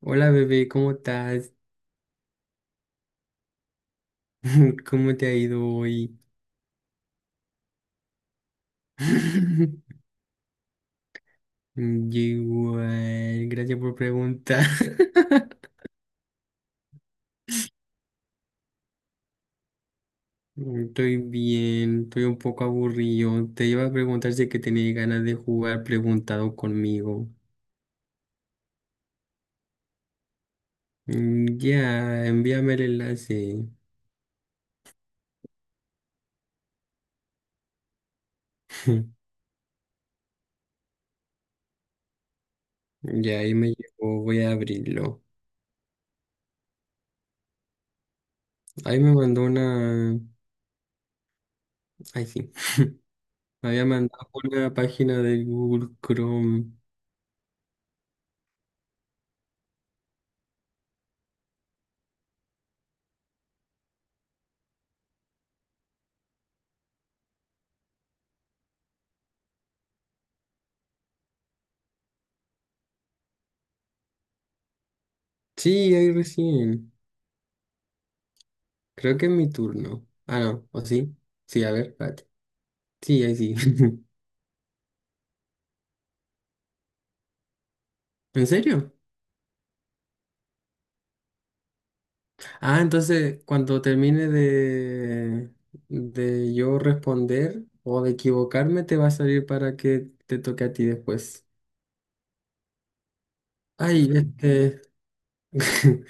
Hola bebé, ¿cómo estás? ¿Cómo te ha ido hoy? Yo igual, gracias por preguntar. Estoy bien, estoy un poco aburrido. Te iba a preguntar si que tenías ganas de jugar preguntado conmigo. Ya, envíame el enlace. Ya, ahí me llegó, voy a abrirlo. Ahí me mandó una... Ay, sí, me había mandado una página de Google Chrome. Sí, ahí recién. Creo que es mi turno. Ah, no, ¿o sí? Sí, a ver, espérate. Sí, ahí sí. ¿En serio? Ah, entonces, cuando termine de, yo responder o de equivocarme, te va a salir para que te toque a ti después. Ay, este...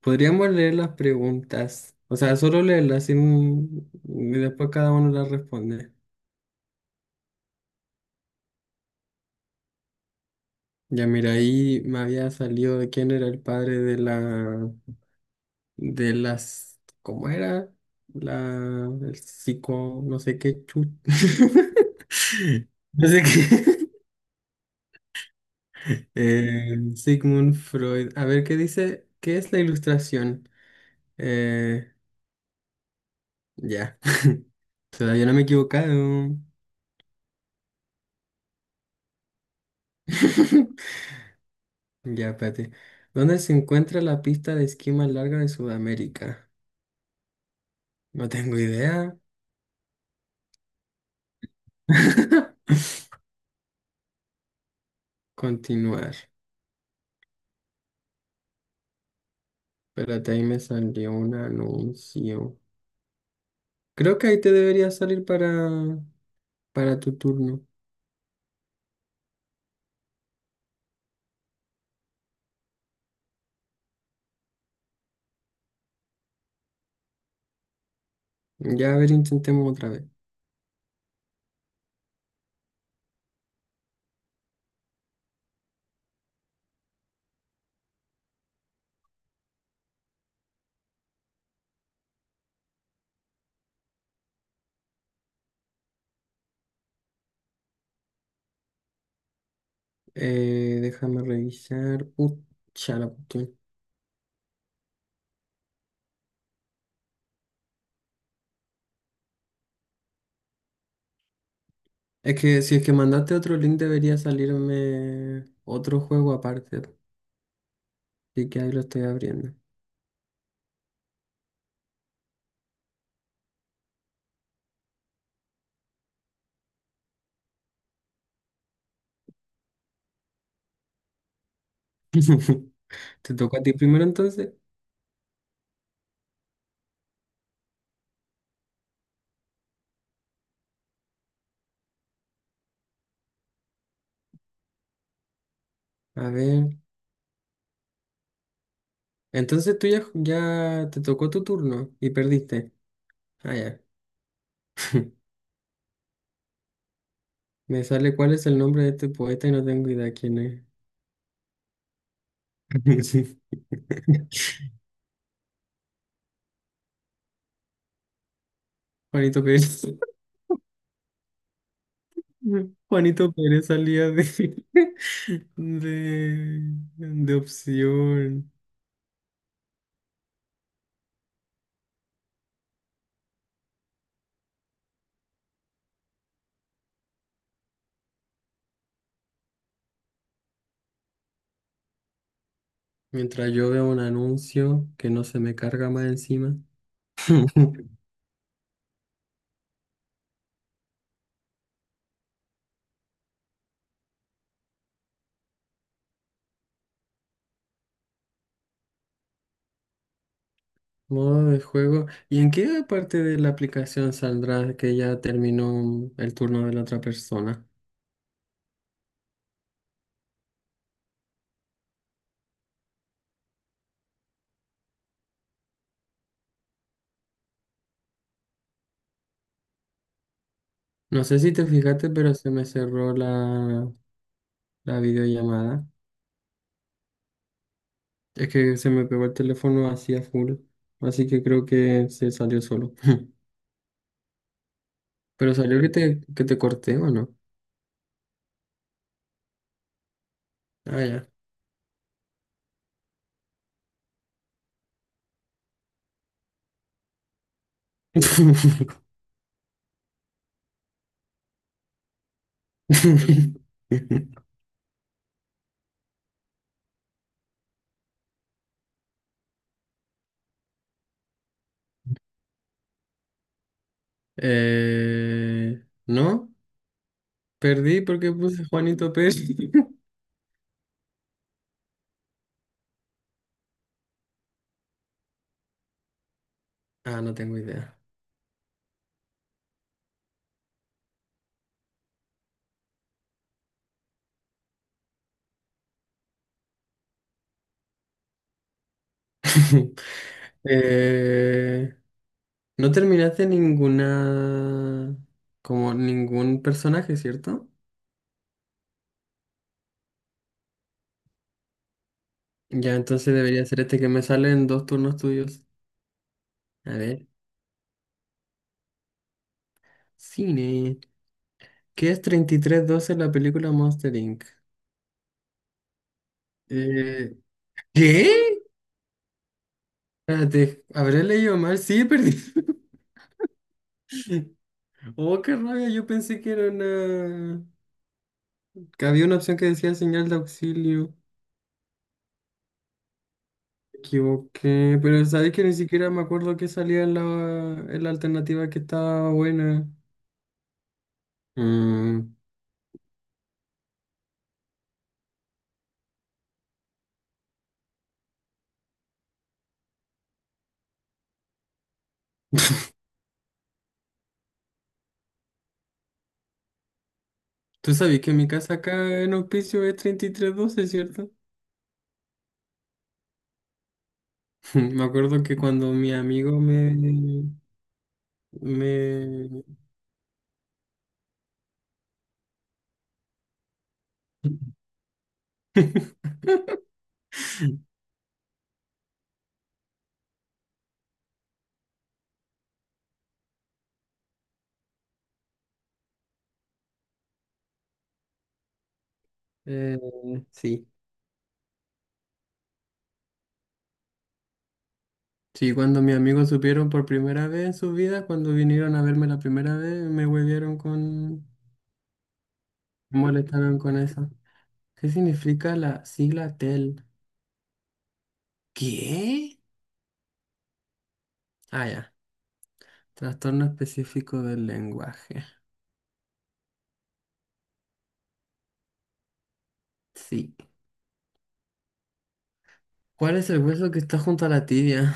Podríamos leer las preguntas. O sea, solo leerlas sin- y después cada uno las responde. Ya mira, ahí me había salido de quién era el padre de la... de las, ¿cómo era? La, el psico, no sé qué chu- no sé qué. Sigmund Freud. A ver, ¿qué dice? ¿Qué es la ilustración? Eh, ya, todavía no me he equivocado. Ya, espérate. ¿Dónde se encuentra la pista de esquí más larga de Sudamérica? No tengo idea. Continuar. Espérate, ahí me salió un anuncio. Creo que ahí te debería salir para tu turno. Ya a ver, intentemos otra vez. Déjame revisar. Pucha, la cuestión. Es que si es que mandaste otro link debería salirme otro juego aparte. Así que ahí lo estoy abriendo. ¿Te tocó a ti primero entonces? A ver. Entonces tú ya te tocó tu turno y perdiste. Ah, ya. Me sale cuál es el nombre de este poeta y no tengo idea quién es. Sí. Juanito Pérez. Juanito Pérez salía de, de, de opción. Mientras yo veo un anuncio que no se me carga más encima. Modo de juego. ¿Y en qué parte de la aplicación saldrá que ya terminó el turno de la otra persona? No sé si te fijaste, pero se me cerró la videollamada. Es que se me pegó el teléfono así a full. Así que creo que se salió solo. Pero salió que te corté, ¿o no? Ah, ya. No, perdí porque puse Juanito Pérez. Ah, no tengo idea. Eh, no terminaste ninguna, como ningún personaje, ¿cierto? Ya, entonces debería ser este que me sale en dos turnos tuyos. A ver, cine. ¿Qué es 33-12 la película Monster Inc? Eh, ¿Qué? Espérate, ¿habré leído mal? Sí, perdí. Oh, qué rabia, yo pensé que era una... que había una opción que decía señal de auxilio. Me equivoqué, pero sabes que ni siquiera me acuerdo que salía en en la alternativa que estaba buena. Mm, Tú sabes que mi casa acá en Hospicio es 33-12, ¿cierto? Me acuerdo que cuando mi amigo me... me... eh, sí. Sí, cuando mis amigos supieron por primera vez en su vida, cuando vinieron a verme la primera vez, me huevieron con... Me molestaron con eso. ¿Qué significa la sigla TEL? ¿Qué? Ah, ya. Trastorno específico del lenguaje. Sí. ¿Cuál es el hueso que está junto a la tibia?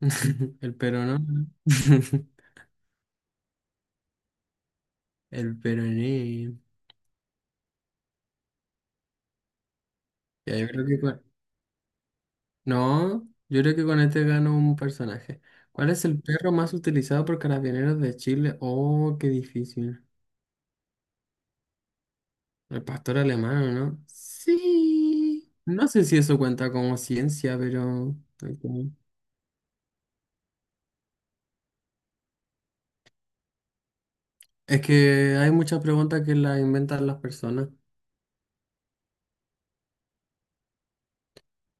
El peroné. El peroné. Ya, yo creo que con- No, yo creo que con este gano un personaje. ¿Cuál es el perro más utilizado por carabineros de Chile? Oh, qué difícil. El pastor alemán, ¿no? Sí. No sé si eso cuenta como ciencia, pero... ok. Es que hay muchas preguntas que las inventan las personas.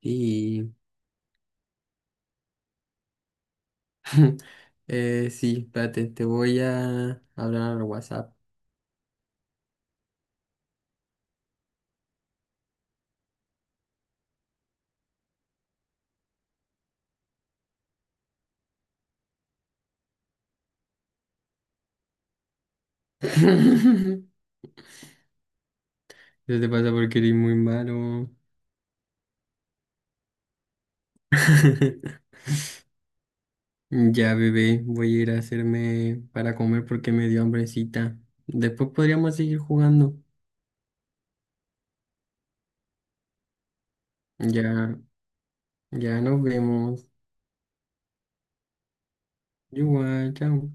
Y... sí, espérate, te voy a hablar al WhatsApp. ¿Qué te pasa porque eres muy malo? Ya, bebé, voy a ir a hacerme para comer porque me dio hambrecita. Después podríamos seguir jugando. Ya, ya nos vemos. Igual, chao.